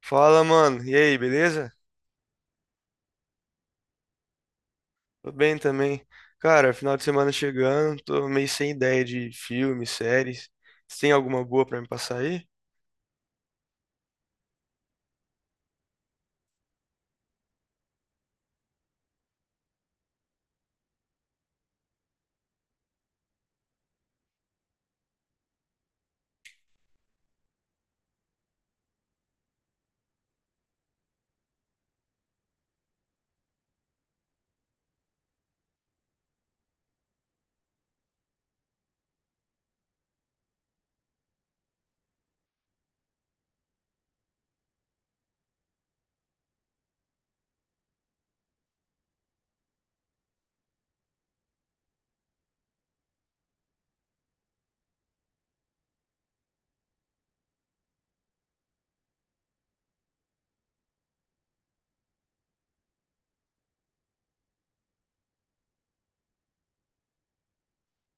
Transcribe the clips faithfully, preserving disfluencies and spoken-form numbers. Fala, mano. E aí, beleza? Tô bem também. Cara, final de semana chegando, tô meio sem ideia de filmes, séries. Você tem alguma boa pra me passar aí?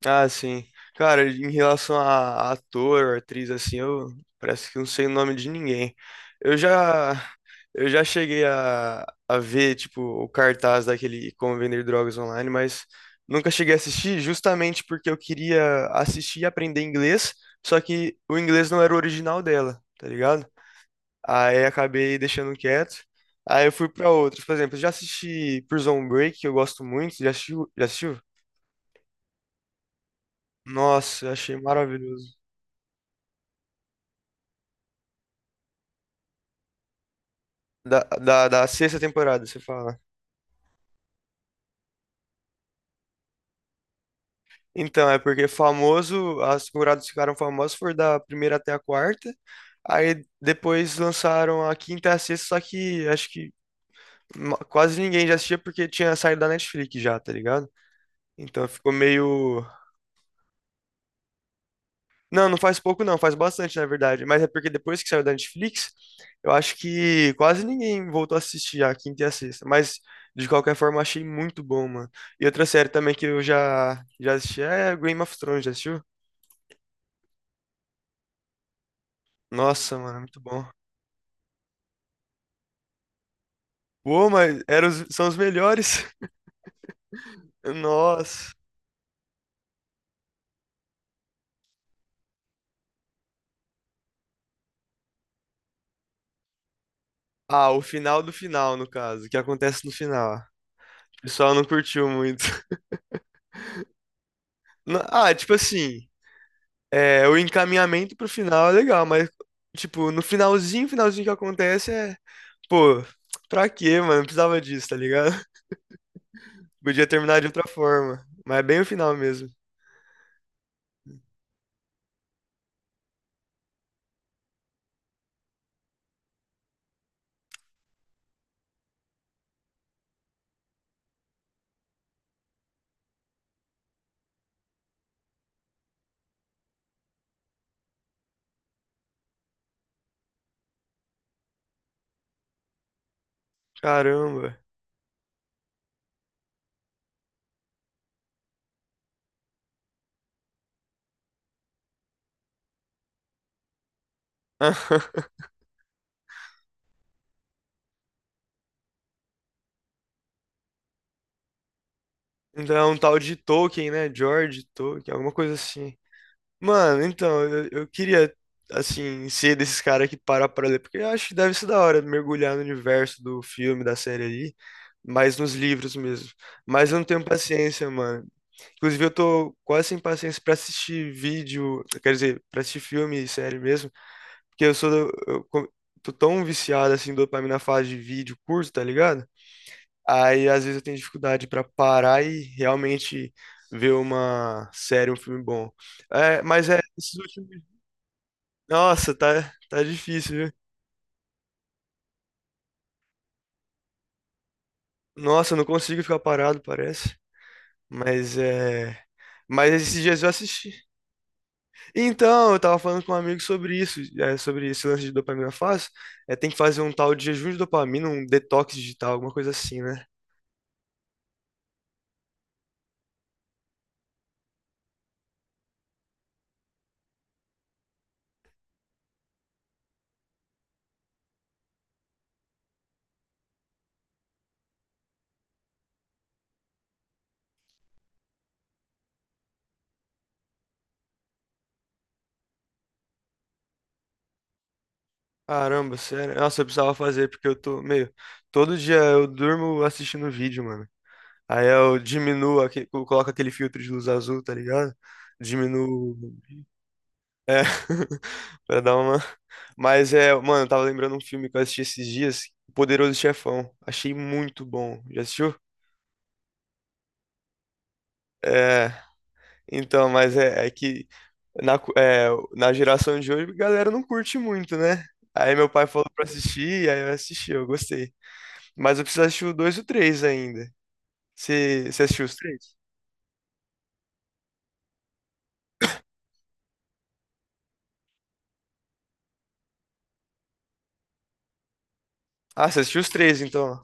Ah, sim. Cara, em relação a ator, atriz, assim, eu parece que não sei o nome de ninguém. Eu já, eu já cheguei a, a ver, tipo, o cartaz daquele Como Vender Drogas Online, mas nunca cheguei a assistir justamente porque eu queria assistir e aprender inglês, só que o inglês não era o original dela, tá ligado? Aí acabei deixando quieto. Aí eu fui pra outros. Por exemplo, eu já assisti Prison Break, que eu gosto muito. Já assistiu? Já assistiu? Nossa, eu achei maravilhoso. Da, da, da sexta temporada, você fala. Então, é porque famoso, as temporadas ficaram famosas foram da primeira até a quarta. Aí depois lançaram a quinta e a sexta, só que acho que ma- quase ninguém já assistia porque tinha saído da Netflix já, tá ligado? Então ficou meio. Não, não faz pouco não, faz bastante, na verdade. Mas é porque depois que saiu da Netflix, eu acho que quase ninguém voltou a assistir a quinta e a sexta. Mas, de qualquer forma, achei muito bom, mano. E outra série também que eu já, já assisti é Game of Thrones, já assistiu? Nossa, mano, muito bom. Pô, mas eram os- são os melhores. Nossa. Ah, o final do final, no caso, o que acontece no final. O pessoal não curtiu muito. Não- Ah, tipo assim. É, o encaminhamento pro final é legal, mas, tipo, no finalzinho, finalzinho que acontece é, pô, pra quê, mano? Não precisava disso, tá ligado? Podia terminar de outra forma, mas é bem o final mesmo. Caramba. Então é um tal de Tolkien, né? George Tolkien, alguma coisa assim. Mano, então, eu, eu queria, assim, ser desses caras que para pra ler, porque eu acho que deve ser da hora mergulhar no universo do filme, da série ali, mas nos livros mesmo. Mas eu não tenho paciência, mano. Inclusive, eu tô quase sem paciência pra assistir vídeo, quer dizer, pra assistir filme e série mesmo, porque eu sou, do- eu co- tô tão viciado assim, em dopamina fase de vídeo curto, tá ligado? Aí, às vezes, eu tenho dificuldade pra parar e realmente ver uma série, um filme bom. É, mas é, esses últimos. Nossa, tá, tá difícil, viu? Nossa, eu não consigo ficar parado, parece. Mas é. Mas esses dias eu assisti. Então, eu tava falando com um amigo sobre isso, é, sobre esse lance de dopamina fácil. É, tem que fazer um tal de jejum de dopamina, um detox digital, alguma coisa assim, né? Caramba, sério. Nossa, eu precisava fazer, porque eu tô meio. Todo dia eu durmo assistindo vídeo, mano. Aí eu diminuo, aque- eu coloco aquele filtro de luz azul, tá ligado? Diminuo. É, pra dar uma. Mas é, mano, eu tava lembrando um filme que eu assisti esses dias, O Poderoso Chefão. Achei muito bom. Já assistiu? É, então, mas é, é que na, cu- é, na geração de hoje, a galera não curte muito, né? Aí meu pai falou pra assistir, aí eu assisti, eu gostei. Mas eu preciso assistir o dois e o três ainda. Você você assistiu os três? Ah, você assistiu os três, então.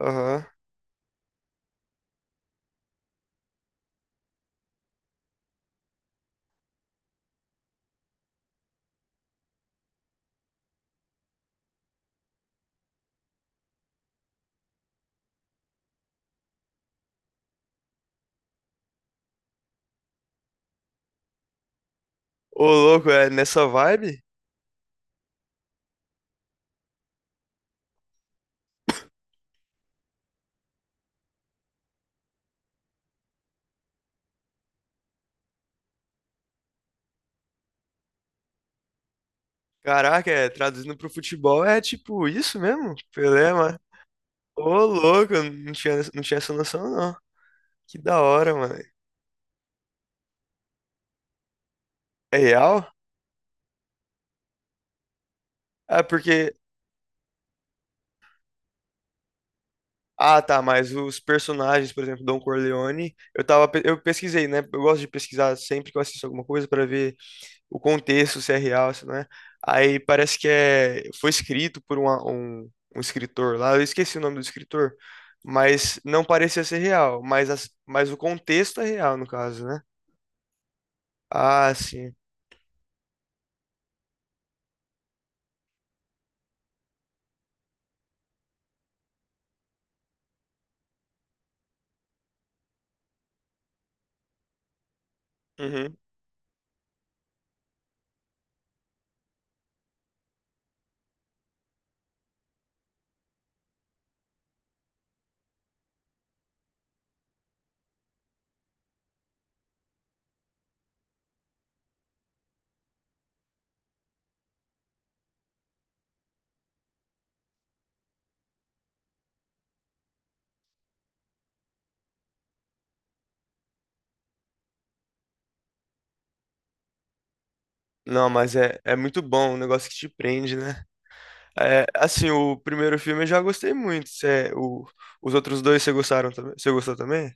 Aham. Ô, louco, é nessa vibe? Caraca, é, traduzindo pro futebol é tipo isso mesmo? Pelé, mano. Ô, louco, eu não tinha, não tinha essa noção, não. Que da hora, mano. É real? Ah, porque. Ah, tá, mas os personagens, por exemplo, Don Corleone, eu tava, pe- eu pesquisei, né? Eu gosto de pesquisar sempre que eu assisto alguma coisa para ver o contexto, se é real, se não é. Aí parece que é, foi escrito por uma- um, um escritor lá, eu esqueci o nome do escritor, mas não parecia ser real, mas, as- mas o contexto é real, no caso, né? Ah, sim. Uhum. Não, mas é, é muito bom, um negócio que te prende, né? É, assim, o primeiro filme eu já gostei muito. Cê- o, os outros dois você gostaram também? Você gostou também?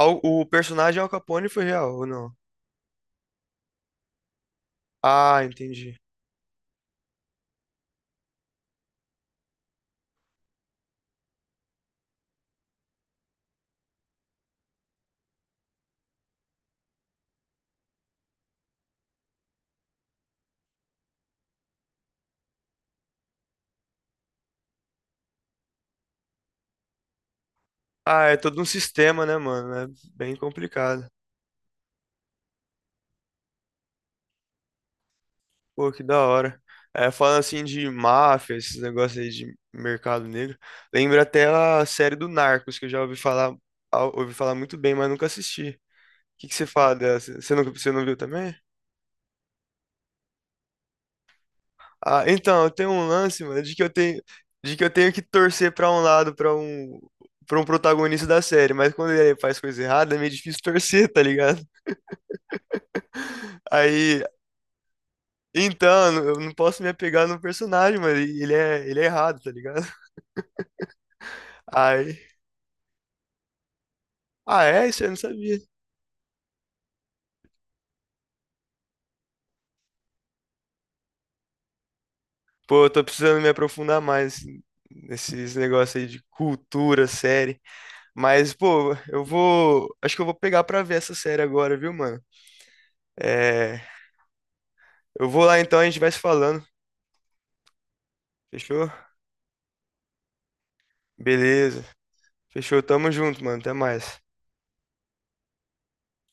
Al- o personagem Al Capone foi real ou não? Ah, entendi. Ah, é todo um sistema, né, mano? É bem complicado. Pô, que da hora. É, falando assim de máfia, esses negócios aí de mercado negro, lembra até a série do Narcos, que eu já ouvi falar, ah, ouvi falar muito bem, mas nunca assisti. O que que você fala dessa? Você não, você não viu também? Ah, então, eu tenho um lance, mano, de que eu tenho, de que eu tenho que torcer pra um lado, pra um, para um protagonista da série, mas quando ele faz coisa errada, é meio difícil torcer, tá ligado? Aí, então, eu não posso me apegar no personagem, mano, ele é, ele é errado, tá ligado? Aí, ah, é? Isso eu não sabia. Pô, eu tô precisando me aprofundar mais nesses negócios aí de cultura, série. Mas, pô, eu vou, acho que eu vou pegar pra ver essa série agora, viu, mano? É, eu vou lá então, a gente vai se falando. Fechou? Beleza. Fechou. Tamo junto, mano. Até mais.